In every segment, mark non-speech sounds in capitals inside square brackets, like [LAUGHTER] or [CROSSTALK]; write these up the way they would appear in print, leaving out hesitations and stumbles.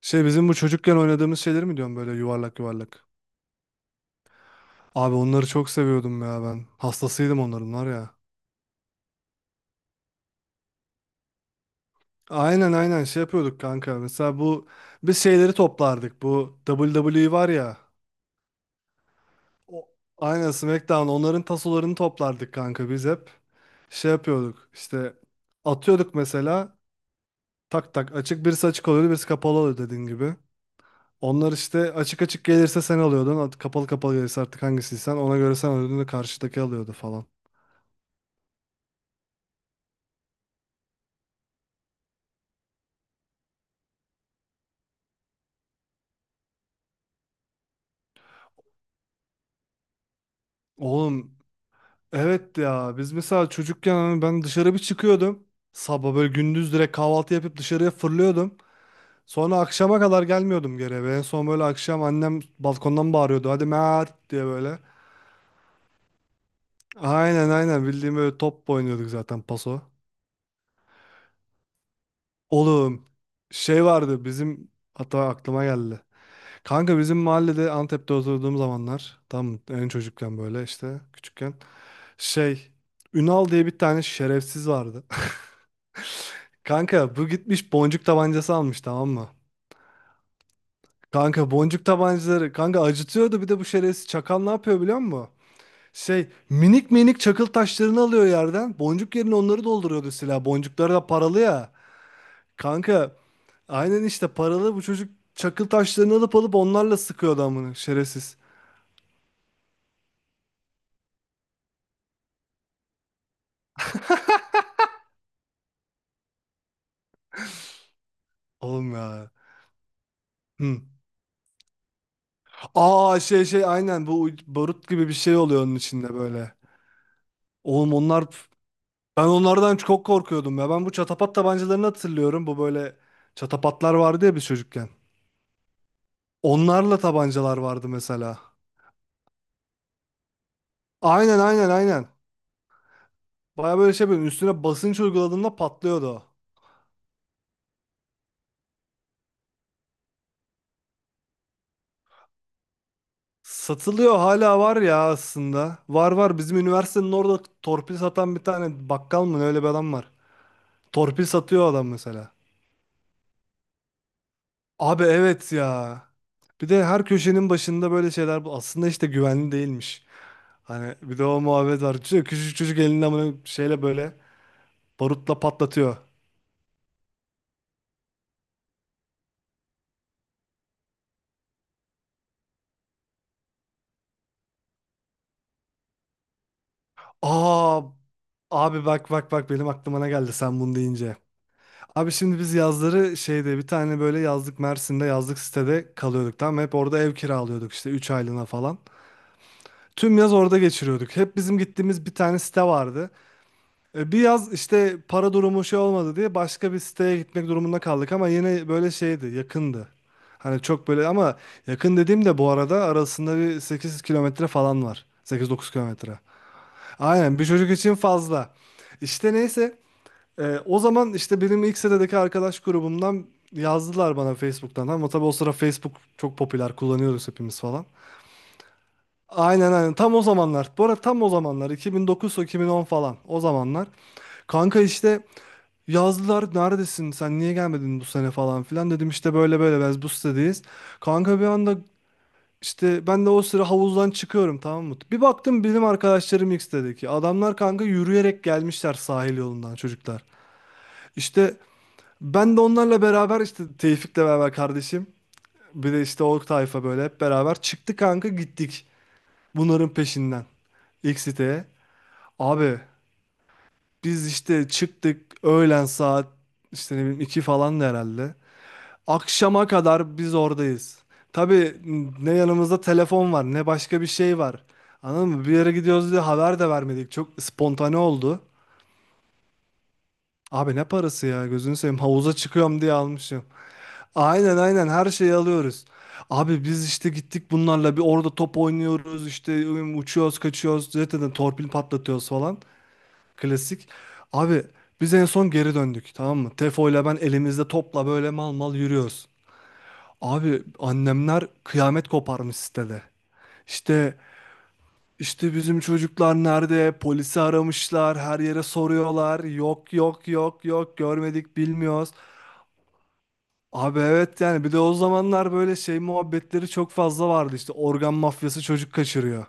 Şey bizim bu çocukken oynadığımız şeyleri mi diyorum, böyle yuvarlak yuvarlak. Abi onları çok seviyordum ya ben. Hastasıydım onların var ya. Aynen aynen, şey yapıyorduk kanka. Mesela bu biz şeyleri toplardık. Bu WWE var ya. O, aynen SmackDown, onların tasolarını toplardık kanka biz hep. Şey yapıyorduk işte, atıyorduk mesela tak tak, açık birisi açık oluyordu birisi kapalı oluyordu dediğin gibi. Onlar işte açık açık gelirse sen alıyordun, kapalı kapalı gelirse artık hangisiysen ona göre sen alıyordun da karşıdaki alıyordu falan. Oğlum. Evet ya, biz mesela çocukken hani ben dışarı bir çıkıyordum. Sabah böyle gündüz direkt kahvaltı yapıp dışarıya fırlıyordum. Sonra akşama kadar gelmiyordum geri eve. En son böyle akşam annem balkondan bağırıyordu. Hadi Mert diye böyle. Aynen aynen, bildiğim böyle top oynuyorduk zaten paso. Oğlum şey vardı bizim, hatta aklıma geldi. Kanka bizim mahallede Antep'te oturduğum zamanlar tam en çocukken böyle işte küçükken, şey, Ünal diye bir tane şerefsiz vardı. Kanka bu gitmiş boncuk tabancası almış, tamam mı? Kanka boncuk tabancaları kanka acıtıyordu, bir de bu şerefsiz çakal ne yapıyor biliyor musun? Şey, minik minik çakıl taşlarını alıyor yerden, boncuk yerine onları dolduruyordu, silah boncukları da paralı ya. Kanka aynen işte paralı, bu çocuk çakıl taşlarını alıp alıp onlarla sıkıyordu amına şerefsiz. Oğlum ya. Hı. Aa, şey aynen bu barut gibi bir şey oluyor onun içinde böyle. Oğlum onlar. Ben onlardan çok korkuyordum ya. Ben bu çatapat tabancalarını hatırlıyorum. Bu böyle çatapatlar vardı ya biz çocukken. Onlarla tabancalar vardı mesela. Aynen aynen aynen. Baya böyle şey, böyle üstüne basınç uyguladığında patlıyordu o. Satılıyor, hala var ya aslında. Var var, bizim üniversitenin orada torpil satan bir tane bakkal mı ne, öyle bir adam var. Torpil satıyor adam mesela. Abi evet ya. Bir de her köşenin başında böyle şeyler, bu aslında işte güvenli değilmiş. Hani bir de o muhabbet var. Küçücük çocuk elinden bunu şeyle böyle barutla patlatıyor. Aa abi, bak bak bak benim aklıma ne geldi sen bunu deyince. Abi şimdi biz yazları şeyde, bir tane böyle yazlık, Mersin'de yazlık sitede kalıyorduk, tamam mı? Hep orada ev kiralıyorduk işte 3 aylığına falan. Tüm yaz orada geçiriyorduk. Hep bizim gittiğimiz bir tane site vardı. Bir yaz işte para durumu şey olmadı diye başka bir siteye gitmek durumunda kaldık, ama yine böyle şeydi, yakındı. Hani çok böyle, ama yakın dediğim de bu arada arasında bir 8 kilometre falan var. 8-9 kilometre. Aynen, bir çocuk için fazla. İşte neyse, o zaman işte benim ilk sitedeki arkadaş grubumdan yazdılar bana Facebook'tan, ama tabii o sıra Facebook çok popüler kullanıyoruz hepimiz falan. Aynen aynen, tam o zamanlar. Bu arada tam o zamanlar 2009-2010 falan o zamanlar. Kanka işte, yazdılar neredesin sen niye gelmedin bu sene falan filan, dedim işte böyle böyle biz bu sitedeyiz. Kanka bir anda, işte ben de o sıra havuzdan çıkıyorum, tamam mı? Bir baktım benim arkadaşlarım ilk sitedeki adamlar, kanka yürüyerek gelmişler sahil yolundan çocuklar. İşte ben de onlarla beraber işte Tevfik'le beraber kardeşim, bir de işte o tayfa böyle hep beraber çıktı kanka, gittik bunların peşinden ilk siteye. Abi biz işte çıktık öğlen saat işte ne bileyim 2 falan da herhalde. Akşama kadar biz oradayız. Tabii ne yanımızda telefon var, ne başka bir şey var. Anladın mı? Bir yere gidiyoruz diye haber de vermedik. Çok spontane oldu. Abi ne parası ya gözünü seveyim, havuza çıkıyorum diye almışım. Aynen aynen, her şeyi alıyoruz. Abi biz işte gittik bunlarla bir orada top oynuyoruz işte, uçuyoruz kaçıyoruz zaten torpil patlatıyoruz falan. Klasik. Abi biz en son geri döndük, tamam mı? Tefo ile ben elimizde topla böyle mal mal yürüyoruz. Abi annemler kıyamet koparmış sitede. İşte işte bizim çocuklar nerede? Polisi aramışlar, her yere soruyorlar. Yok yok yok yok, görmedik bilmiyoruz. Abi evet yani, bir de o zamanlar böyle şey muhabbetleri çok fazla vardı, işte organ mafyası çocuk kaçırıyor.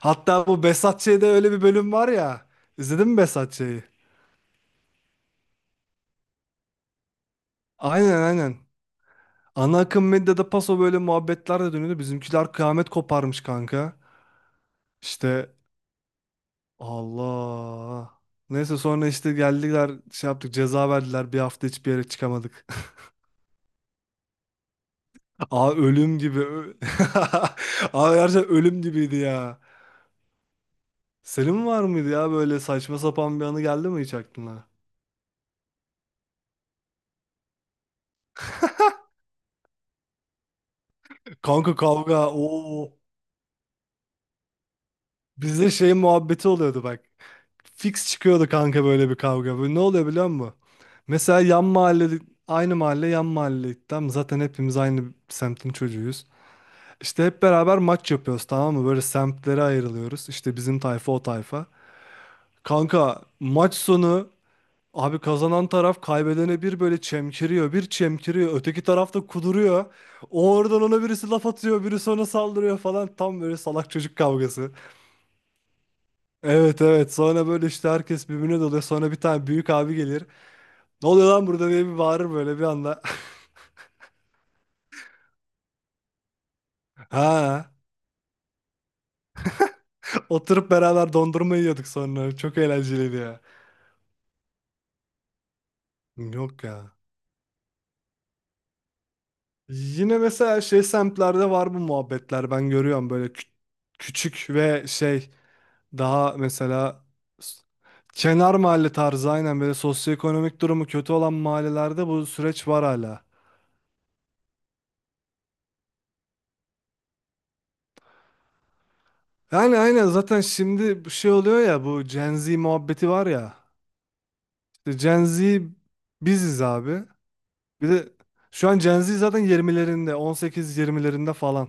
Hatta bu Behzatçı'da öyle bir bölüm var ya. İzledin mi Behzatçı'yı? Aynen aynen. Ana akım medyada paso böyle muhabbetler de dönüyordu. Bizimkiler kıyamet koparmış kanka. İşte. Allah. Neyse sonra işte geldiler şey yaptık ceza verdiler, bir hafta hiçbir yere çıkamadık. [LAUGHS] Aa, ölüm gibi. Ö- [LAUGHS] Aa gerçekten ölüm gibiydi ya. Senin var mıydı ya böyle saçma sapan bir anı, geldi mi hiç aklına? Kanka kavga. Oo. Bizde şey muhabbeti oluyordu bak. Fix çıkıyordu kanka böyle bir kavga. Böyle ne oluyor biliyor musun? Mesela yan mahalle, aynı mahalle yan mahalle. Tamam zaten hepimiz aynı semtin çocuğuyuz. İşte hep beraber maç yapıyoruz, tamam mı? Böyle semtlere ayrılıyoruz. İşte bizim tayfa o tayfa. Kanka maç sonu abi kazanan taraf kaybedene bir böyle çemkiriyor. Bir çemkiriyor. Öteki taraf da kuduruyor. O oradan ona birisi laf atıyor. Birisi ona saldırıyor falan. Tam böyle salak çocuk kavgası. Evet evet. Sonra böyle işte herkes birbirine doluyor. Sonra bir tane büyük abi gelir. Ne oluyor lan burada diye bir bağırır böyle bir anda. [LAUGHS] Ha. Oturup beraber dondurma yiyorduk sonra. Çok eğlenceliydi ya. Yok ya. Yine mesela şey semtlerde var bu muhabbetler, ben görüyorum böyle küçük ve şey, daha mesela, s- kenar mahalle tarzı aynen böyle sosyoekonomik durumu kötü olan mahallelerde bu süreç var hala. Yani aynen zaten şimdi bu şey oluyor ya, bu Gen Z muhabbeti var ya, işte Gen Z biziz abi. Bir de şu an Gen Z zaten yirmilerinde, 18 yirmilerinde falan,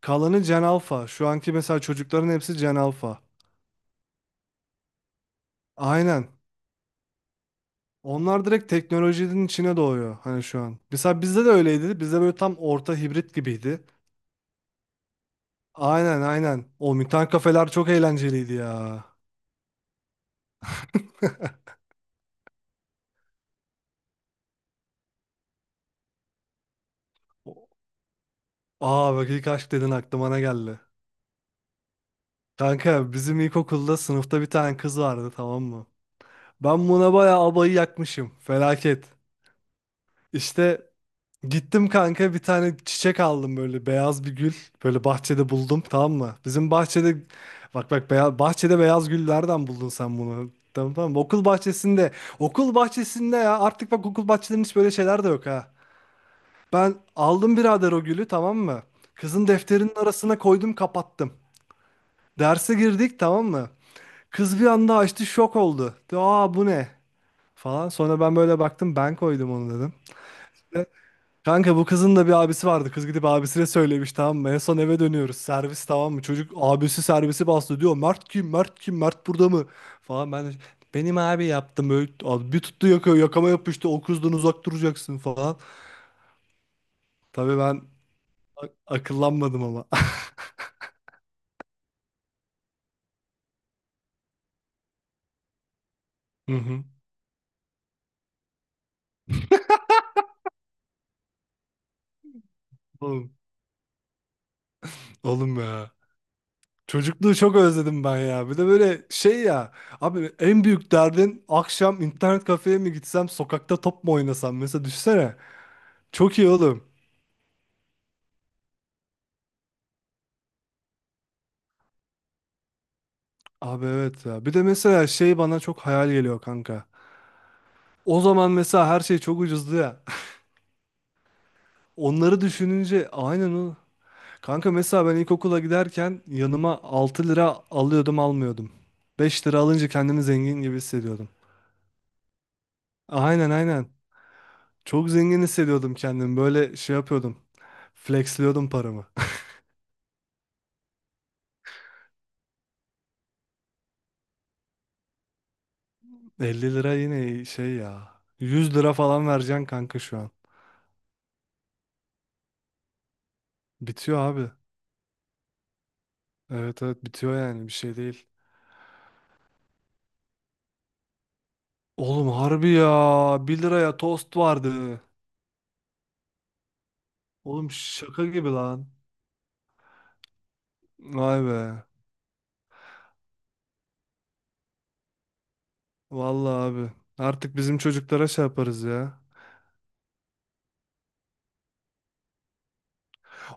kalanı Gen Alpha, şu anki mesela çocukların hepsi Gen Alpha aynen. Onlar direkt teknolojinin içine doğuyor hani şu an. Mesela bizde de öyleydi. Bizde böyle tam orta hibrit gibiydi. Aynen aynen. O mutant kafeler çok eğlenceliydi ya. O- Aa bak, ilk aşk dedin aklıma ne geldi. Kanka bizim ilkokulda sınıfta bir tane kız vardı, tamam mı? Ben buna bayağı abayı yakmışım. Felaket. İşte gittim kanka bir tane çiçek aldım, böyle beyaz bir gül. Böyle bahçede buldum, tamam mı? Bizim bahçede, bak bak beyaz, bahçede beyaz gül nereden buldun sen bunu? Tamam tamam, okul bahçesinde. Okul bahçesinde ya artık, bak okul bahçelerinin hiç böyle şeyler de yok ha. Ben aldım birader o gülü, tamam mı? Kızın defterinin arasına koydum kapattım. Derse girdik, tamam mı? Kız bir anda açtı şok oldu. Dedi, aa bu ne? Falan sonra ben böyle baktım, ben koydum onu dedim. Kanka bu kızın da bir abisi vardı. Kız gidip abisine söylemiş, tamam mı? En son eve dönüyoruz. Servis, tamam mı? Çocuk abisi servisi bastı diyor. Mert kim? Mert kim? Mert burada mı? Falan benim abi yaptım. Böyle, abi bir tuttu yakıyor. Yakama yapıştı. O kızdan uzak duracaksın falan. Tabii ben a- akıllanmadım ama. [LAUGHS] Hı hı. Oğlum, oğlum ya. Çocukluğu çok özledim ben ya. Bir de böyle şey ya. Abi en büyük derdin akşam internet kafeye mi gitsem sokakta top mu oynasam? Mesela düşünsene. Çok iyi oğlum. Abi evet ya. Bir de mesela şey bana çok hayal geliyor kanka. O zaman mesela her şey çok ucuzdu ya. [LAUGHS] Onları düşününce aynen o. Kanka mesela ben ilkokula giderken yanıma 6 lira alıyordum almıyordum. 5 lira alınca kendimi zengin gibi hissediyordum. Aynen aynen. Çok zengin hissediyordum kendimi. Böyle şey yapıyordum. Flexliyordum paramı. [LAUGHS] 50 lira yine şey ya. 100 lira falan vereceksin kanka şu an. Bitiyor abi. Evet evet, bitiyor yani bir şey değil. Oğlum harbi ya. 1 liraya tost vardı. Oğlum şaka gibi lan. Vay be. Vallahi abi. Artık bizim çocuklara şey yaparız ya.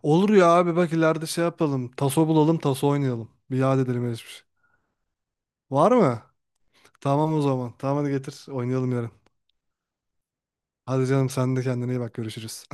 Olur ya abi, bak ileride şey yapalım. Taso bulalım, taso oynayalım. Bir yad edelim geçmiş. Var mı? Tamam o zaman. Tamam hadi getir. Oynayalım yarın. Hadi canım, sen de kendine iyi bak. Görüşürüz.